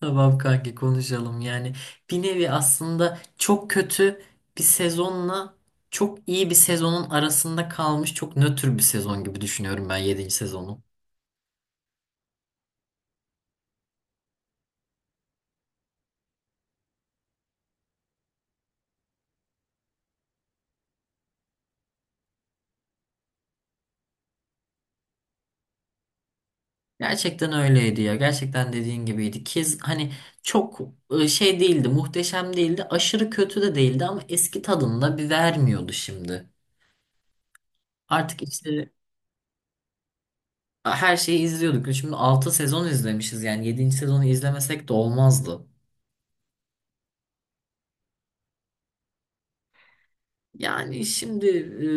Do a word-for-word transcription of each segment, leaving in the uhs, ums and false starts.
Tamam kanki konuşalım. Yani bir nevi aslında çok kötü bir sezonla çok iyi bir sezonun arasında kalmış çok nötr bir sezon gibi düşünüyorum ben yedinci sezonu. Gerçekten öyleydi ya. Gerçekten dediğin gibiydi. Kez hani çok e, şey değildi, muhteşem değildi, aşırı kötü de değildi ama eski tadında bir vermiyordu şimdi. Artık işte her şeyi izliyorduk. Şimdi altı sezon izlemişiz yani yedinci sezonu izlemesek de olmazdı. Yani şimdi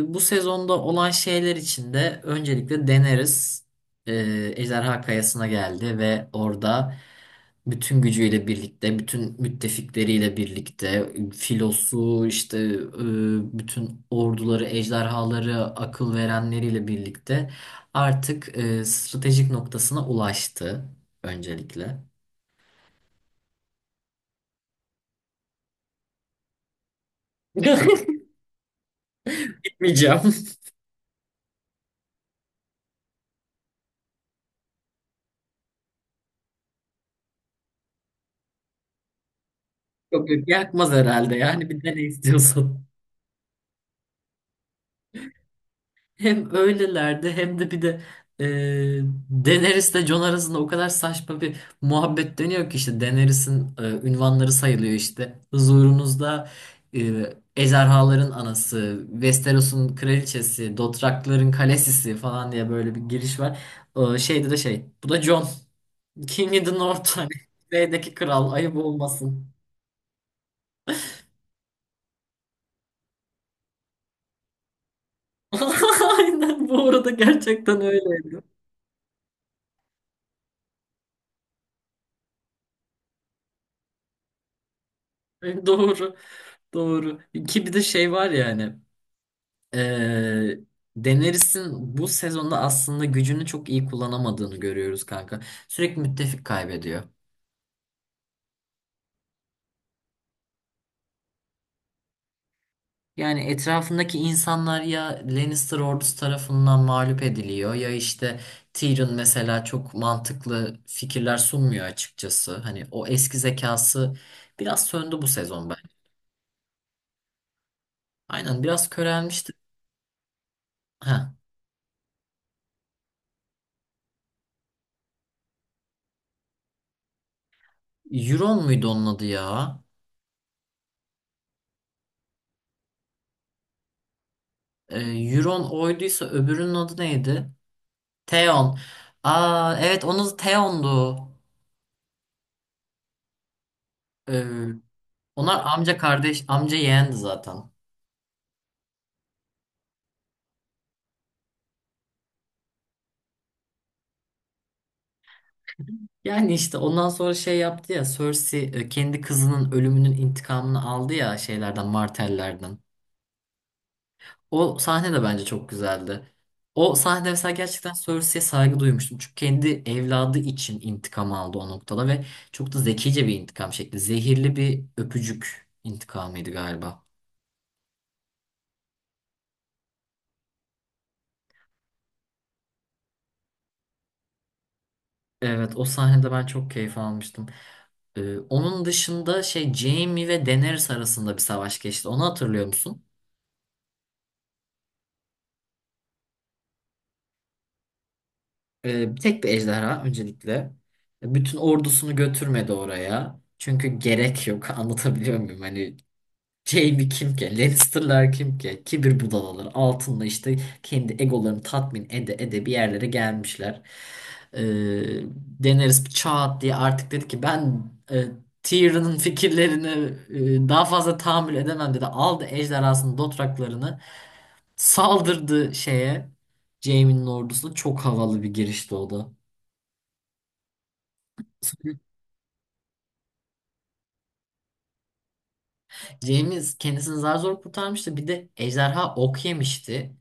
e, bu sezonda olan şeyler için de öncelikle deneriz. E, Ejderha Kayası'na geldi ve orada bütün gücüyle birlikte, bütün müttefikleriyle birlikte, filosu, işte e, bütün orduları, ejderhaları, akıl verenleriyle birlikte artık e, stratejik noktasına ulaştı öncelikle. Yakmayacağım. Yok yok, yakmaz herhalde, yani bir dene istiyorsan. Hem öylelerdi hem de bir de e, Daenerys ile Jon arasında o kadar saçma bir muhabbet dönüyor ki, işte Daenerys'in e, ünvanları sayılıyor işte. Huzurunuzda e, ejderhaların anası, Westeros'un kraliçesi, Dothrakların kalesisi falan diye böyle bir giriş var. E, şeyde de şey, bu da Jon. King of the North, hani. Kuzeydeki kral, ayıp olmasın. Aynen, bu arada gerçekten öyleydi. Doğru. Doğru. Ki bir de şey var yani. Ee, Daenerys'in bu sezonda aslında gücünü çok iyi kullanamadığını görüyoruz kanka. Sürekli müttefik kaybediyor. Yani etrafındaki insanlar ya Lannister ordusu tarafından mağlup ediliyor ya işte Tyrion mesela çok mantıklı fikirler sunmuyor açıkçası. Hani o eski zekası biraz söndü bu sezon bence. Aynen, biraz körelmişti. Ha, Euron muydu onun adı ya? Ee, Euron oyduysa öbürünün adı neydi? Theon. Aa evet, onun Theon'du. Ee, onlar amca kardeş, amca yeğendi zaten. Yani işte ondan sonra şey yaptı ya Cersei, e, kendi kızının ölümünün intikamını aldı ya şeylerden, Martell'lerden. O sahne de bence çok güzeldi. O sahnede mesela gerçekten Cersei'ye saygı duymuştum. Çünkü kendi evladı için intikam aldı o noktada ve çok da zekice bir intikam şekli. Zehirli bir öpücük intikamıydı galiba. Evet, o sahnede ben çok keyif almıştım. Ee, onun dışında şey, Jaime ve Daenerys arasında bir savaş geçti. Onu hatırlıyor musun? Ee, bir tek bir ejderha öncelikle. Bütün ordusunu götürmedi oraya. Çünkü gerek yok. Anlatabiliyor muyum? Hani Jaime kim ki? Lannister'lar kim ki? Kibir budalaları altında işte kendi egolarını tatmin ede ede bir yerlere gelmişler. Ee, Daenerys bir çat diye artık dedi ki, ben e, Tyrion'un fikirlerini e, daha fazla tahammül edemem dedi. Aldı ejderhasının dotraklarını, saldırdı şeye. Jaime'nin ordusuna çok havalı bir girişti o da. Jaime kendisini zar zor kurtarmıştı. Bir de ejderha ok yemişti.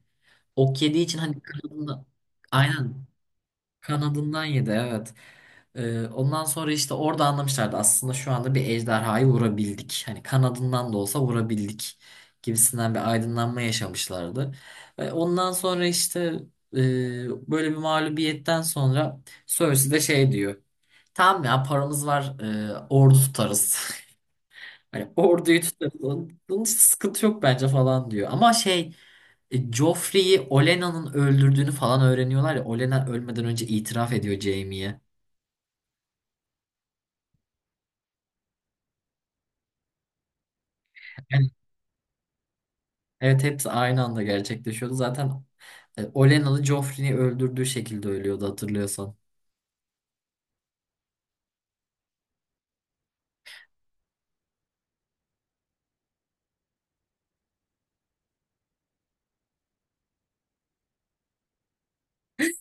Ok yediği için hani kanadından, aynen, kanadından yedi evet. Ee, ondan sonra işte orada anlamışlardı aslında şu anda bir ejderhayı vurabildik. Hani kanadından da olsa vurabildik gibisinden bir aydınlanma yaşamışlardı. Ve ondan sonra işte e, böyle bir mağlubiyetten sonra Cersei de şey diyor. Tamam ya, paramız var. e, ordu tutarız. Hani orduyu tutarız. Onun onun hiç sıkıntı yok bence falan diyor. Ama şey, e, Joffrey'i Olenna'nın öldürdüğünü falan öğreniyorlar ya. Olenna ölmeden önce itiraf ediyor Jaime'ye. Yani evet, hepsi aynı anda gerçekleşiyordu. Zaten e, Olenna'lı Joffrey'i öldürdüğü şekilde ölüyordu, hatırlıyorsan.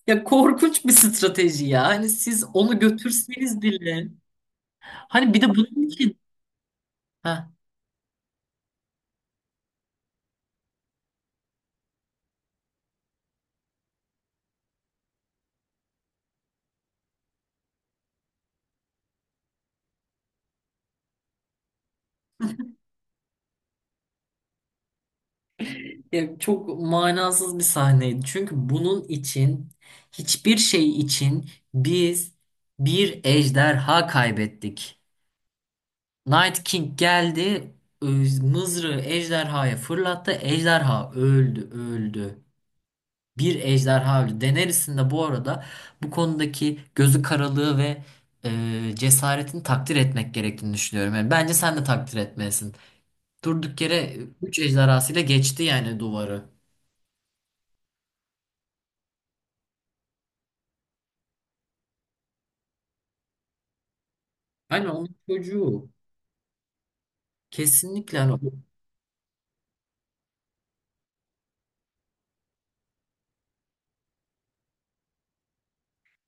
Ya korkunç bir strateji ya. Hani siz onu götürseniz bile. Hani bir de bunun için. Heh. Ya çok manasız bir sahneydi. Çünkü bunun için, hiçbir şey için biz bir ejderha kaybettik. Night King geldi, öz- mızrağı ejderhaya fırlattı. Ejderha öldü, öldü. Bir ejderha öldü. Daenerys'in de bu arada bu konudaki gözü karalığı ve e, cesaretini takdir etmek gerektiğini düşünüyorum. Yani bence sen de takdir etmelisin. Durduk yere üç ejderhasıyla geçti yani duvarı. Aynen, onun çocuğu. Kesinlikle hani o-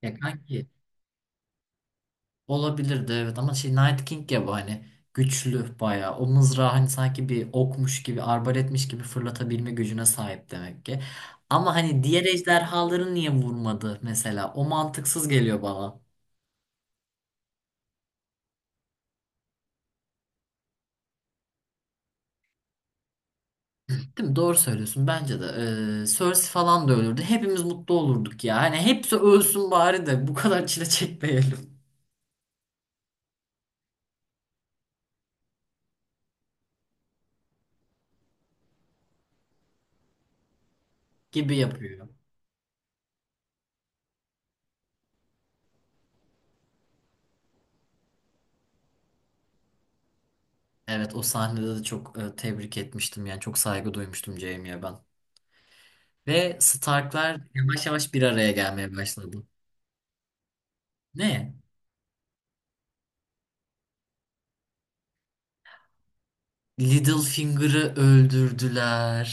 ya kanki, olabilirdi evet, ama şey Night King ya, bu hani güçlü bayağı, o mızrağı hani sanki bir okmuş gibi, arbaletmiş gibi fırlatabilme gücüne sahip demek ki. Ama hani diğer ejderhaları niye vurmadı mesela, o mantıksız geliyor bana. Değil mi? Doğru söylüyorsun bence de. Ee, Cersei falan da ölürdü. Hepimiz mutlu olurduk ya. Hani hepsi ölsün bari de bu kadar çile çekmeyelim gibi yapıyor. Evet, o sahnede de çok e, tebrik etmiştim yani, çok saygı duymuştum Jaime'ye ben. Ve Starklar yavaş yavaş bir araya gelmeye başladı. Ne? Littlefinger'ı öldürdüler.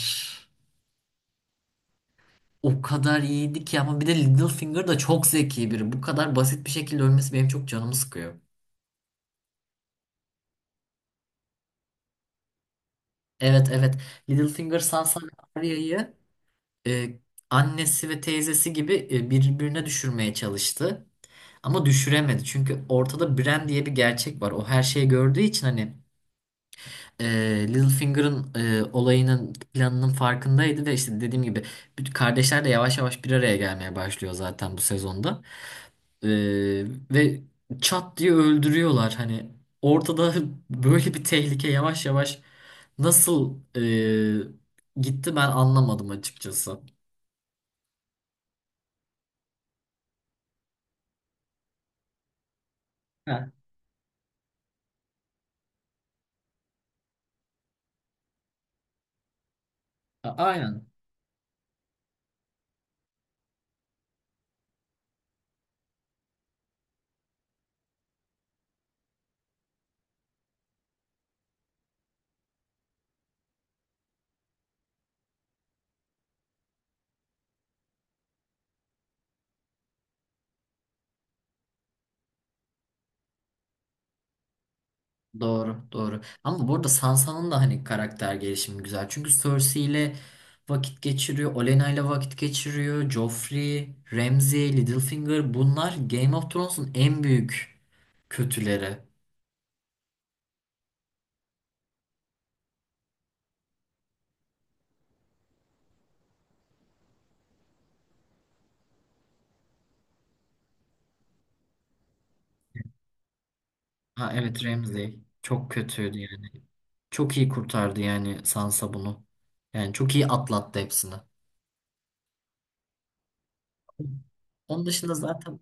O kadar iyiydi ki, ama bir de Littlefinger da çok zeki biri. Bu kadar basit bir şekilde ölmesi benim çok canımı sıkıyor. Evet, evet. Littlefinger Sansa ve Arya'yı, e, annesi ve teyzesi gibi, e, birbirine düşürmeye çalıştı. Ama düşüremedi. Çünkü ortada Bran diye bir gerçek var. O her şeyi gördüğü için hani e, Littlefinger'ın e, olayının, planının farkındaydı ve işte dediğim gibi bütün kardeşler de yavaş yavaş bir araya gelmeye başlıyor zaten bu sezonda. E, ve çat diye öldürüyorlar hani, ortada böyle bir tehlike yavaş yavaş nasıl e, gitti, ben anlamadım açıkçası. Heh, a- aynen. Doğru, doğru. Ama burada Sansa'nın da hani karakter gelişimi güzel. Çünkü Cersei ile vakit geçiriyor, Olenna ile vakit geçiriyor; Joffrey, Ramsay, Littlefinger, bunlar Game of Thrones'un en büyük kötüleri. Ha evet, Ramsay çok kötüydü yani. Çok iyi kurtardı yani Sansa bunu. Yani çok iyi atlattı hepsini. Onun dışında zaten,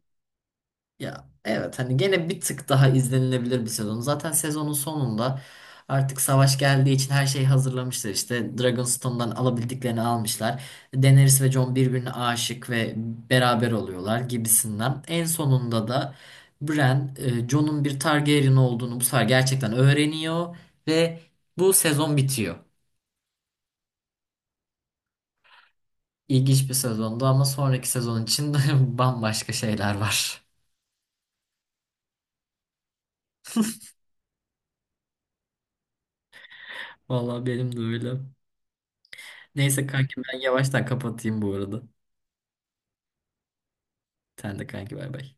ya evet, hani gene bir tık daha izlenilebilir bir sezon. Zaten sezonun sonunda artık savaş geldiği için her şeyi hazırlamışlar. İşte Dragonstone'dan alabildiklerini almışlar. Daenerys ve Jon birbirine aşık ve beraber oluyorlar gibisinden. En sonunda da Bran, e, Jon'un bir Targaryen olduğunu bu sefer gerçekten öğreniyor ve bu sezon bitiyor. İlginç bir sezondu, ama sonraki sezon için de bambaşka şeyler var. Vallahi benim de öyle. Neyse kanki, ben yavaştan kapatayım bu arada. Sen de kanki, bay bay.